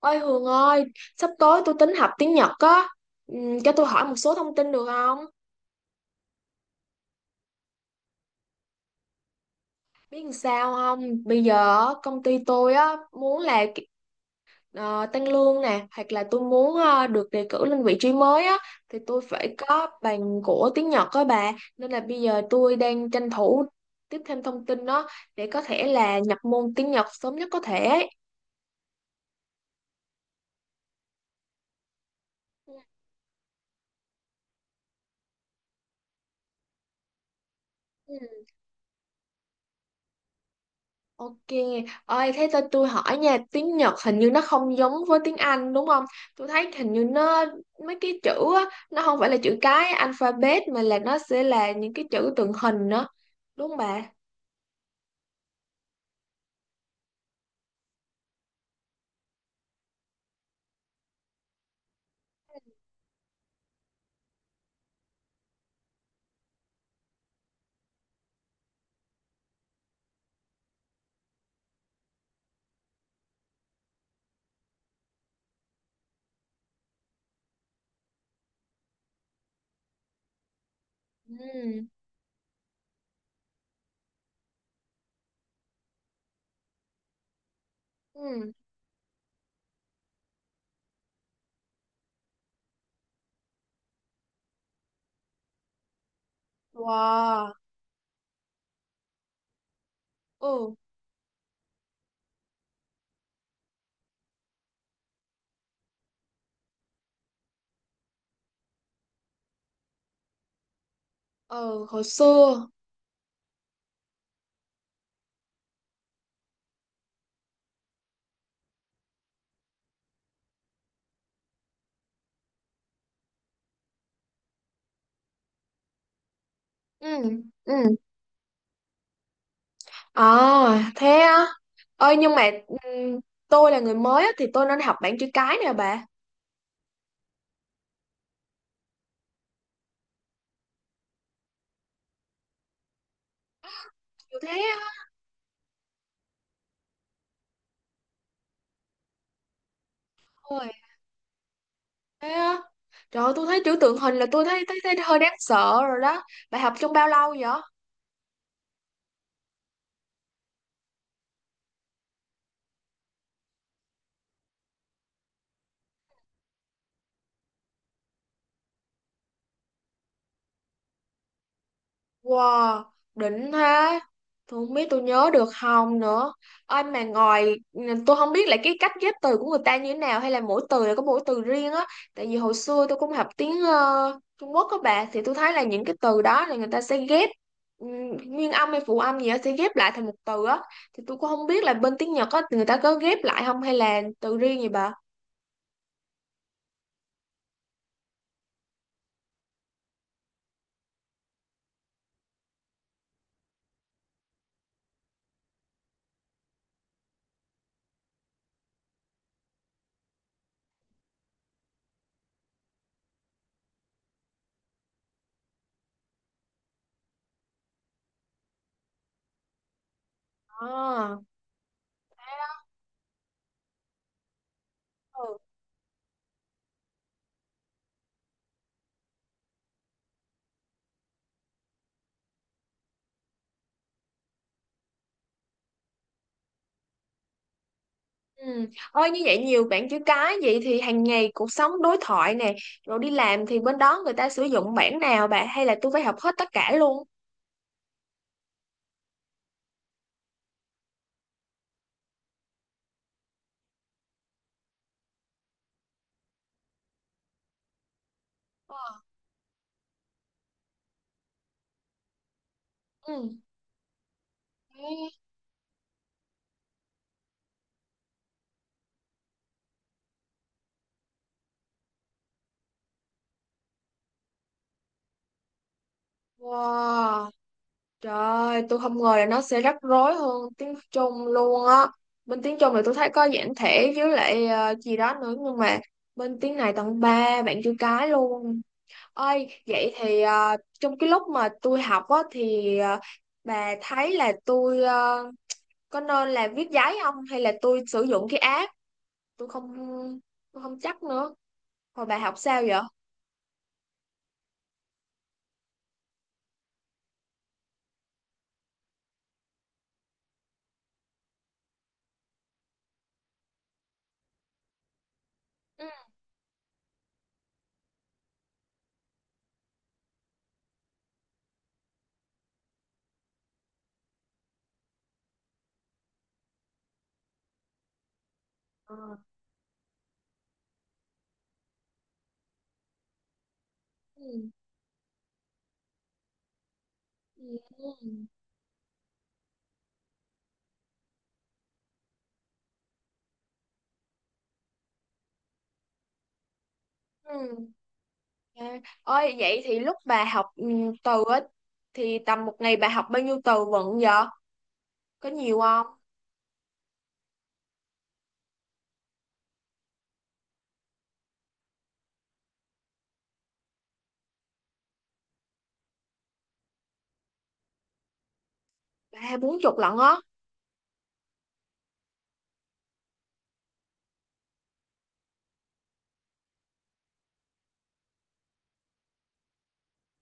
Ôi Hường ơi, sắp tới tôi tính học tiếng Nhật á. Cho tôi hỏi một số thông tin được không? Biết làm sao không? Bây giờ á, công ty tôi á muốn là ờ, tăng lương nè, hoặc là tôi muốn được đề cử lên vị trí mới á, thì tôi phải có bằng của tiếng Nhật á bà, nên là bây giờ tôi đang tranh thủ tiếp thêm thông tin đó để có thể là nhập môn tiếng Nhật sớm nhất có thể. Ừ. Ok, ơi thế cho tôi hỏi nha, tiếng Nhật hình như nó không giống với tiếng Anh đúng không? Tôi thấy hình như nó mấy cái chữ á, nó không phải là chữ cái alphabet mà là nó sẽ là những cái chữ tượng hình đó, đúng không bà? Ừ, ừ, wow, ừ, ừ, hồi xưa, ừ, ừ, à, thế á, ơi nhưng mà tôi là người mới á, thì tôi nên học bảng chữ cái nè bà, kiểu thế á. Thế á? Trời ơi, tôi thấy chữ tượng hình là tôi thấy, thấy hơi đáng sợ rồi đó. Bà học trong bao lâu vậy? Wow, đỉnh thế. Tôi không biết tôi nhớ được không nữa. Ơi mà ngoài tôi không biết là cái cách ghép từ của người ta như thế nào hay là mỗi từ là có mỗi từ riêng á. Tại vì hồi xưa tôi cũng học tiếng Trung Quốc các bạn thì tôi thấy là những cái từ đó là người ta sẽ ghép ừm, nguyên âm hay phụ âm gì đó sẽ ghép lại thành một từ á. Thì tôi cũng không biết là bên tiếng Nhật á người ta có ghép lại không hay là từ riêng gì bà? À. Ừ. Ôi như vậy nhiều bạn chữ cái vậy thì hàng ngày cuộc sống đối thoại nè rồi đi làm thì bên đó người ta sử dụng bản nào bạn hay là tôi phải học hết tất cả luôn. Ờ, ừ. Wow, trời ơi, tôi không ngờ là nó sẽ rắc rối hơn tiếng Trung luôn á. Bên tiếng Trung thì tôi thấy có giản thể với lại gì đó nữa nhưng mà bên tiếng này tận ba bạn chữ cái luôn. Ơi vậy thì trong cái lúc mà tôi học á thì bà thấy là tôi có nên là viết giấy không hay là tôi sử dụng cái app, tôi không tôi không chắc nữa, hồi bà học sao vậy? Ừ. Ờ, Ừ. Ừ. Ừ. À, ôi vậy thì lúc bà học từ á thì tầm một ngày bà học bao nhiêu từ vựng vậy, có nhiều không? Ba hai bốn chục lận á.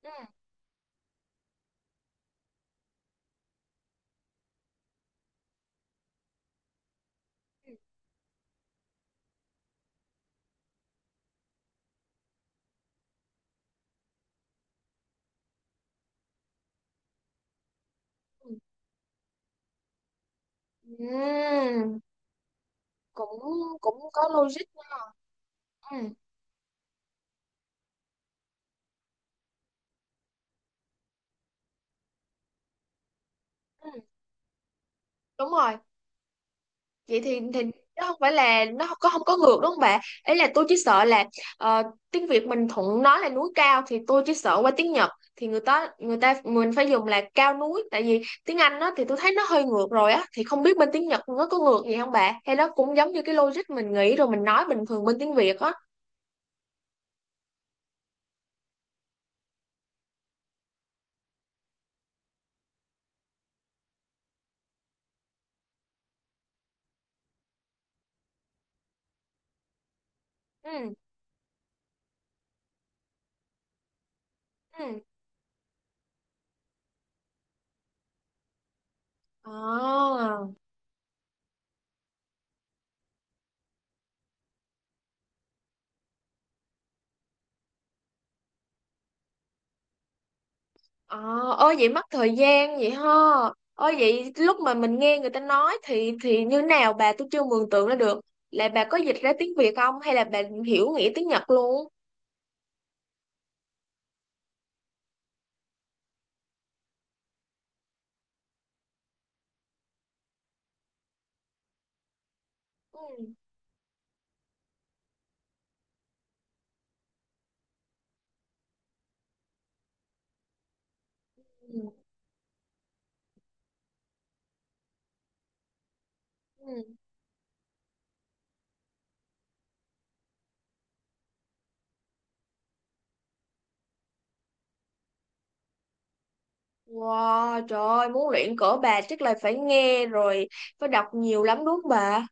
Ừ. Ừ. Ừ. Cũng cũng có logic nha. Ừ. Ừ. Đúng rồi, vậy thì nó không phải là nó không có không có ngược đúng không bà, ấy là tôi chỉ sợ là ờ, tiếng Việt mình thuận nói là núi cao thì tôi chỉ sợ qua tiếng Nhật thì người ta mình phải dùng là cao núi, tại vì tiếng Anh nó thì tôi thấy nó hơi ngược rồi á, thì không biết bên tiếng Nhật nó có ngược gì không bà hay nó cũng giống như cái logic mình nghĩ rồi mình nói bình thường bên tiếng Việt á. Ừ, ừ, Ờ. Ờ, ôi vậy mất thời gian vậy ha. Ôi vậy lúc mà mình nghe người ta nói thì như nào bà, tôi chưa mường tượng ra được. Là bà có dịch ra tiếng Việt không hay là bà hiểu nghĩa tiếng Nhật luôn? Ừ. Ừ, ừ. Wow, trời ơi, muốn luyện cỡ bà chắc là phải nghe rồi, phải đọc nhiều lắm đúng không bà?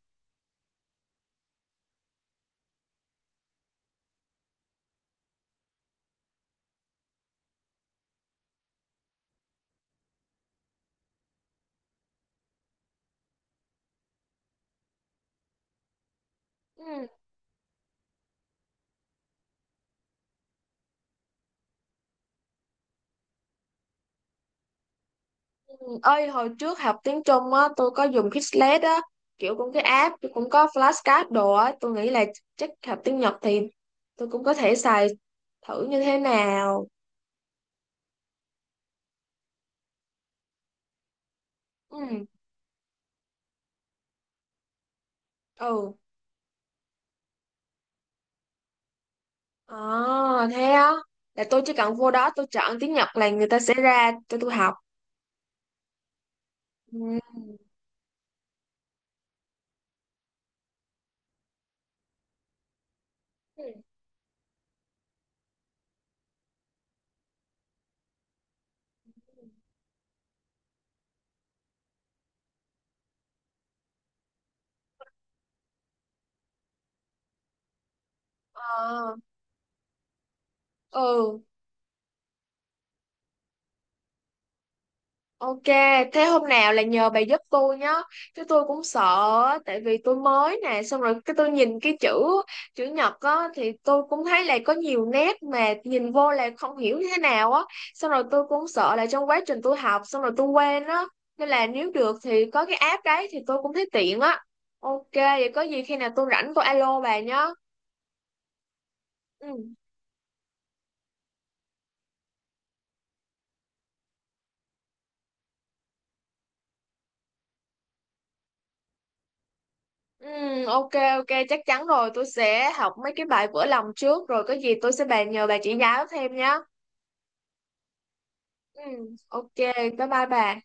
Ừ. Ừ. Ơi hồi trước học tiếng Trung á, tôi có dùng Quizlet á, kiểu cũng cái app, tôi cũng có flashcard đồ á, tôi nghĩ là chắc học tiếng Nhật thì tôi cũng có thể xài thử như thế nào. Ừ. Ừ. À, thế á. Là tôi chỉ cần vô đó tôi chọn tiếng Nhật là người ta sẽ ra cho tôi học. Ừ. Ừ. À, ừ. Ok, thế hôm nào là nhờ bà giúp tôi nhá. Chứ tôi cũng sợ á, tại vì tôi mới nè, xong rồi cái tôi nhìn cái chữ chữ nhật á thì tôi cũng thấy là có nhiều nét mà nhìn vô là không hiểu như thế nào á. Xong rồi tôi cũng sợ là trong quá trình tôi học xong rồi tôi quên á. Nên là nếu được thì có cái app đấy thì tôi cũng thấy tiện á. Ok, vậy có gì khi nào tôi rảnh tôi alo bà nhá. Ừ. Ừ, ok, ok chắc chắn rồi, tôi sẽ học mấy cái bài vỡ lòng trước rồi có gì tôi sẽ bàn nhờ bà chỉ giáo thêm nhá. Ừ, ok, bye bye bà.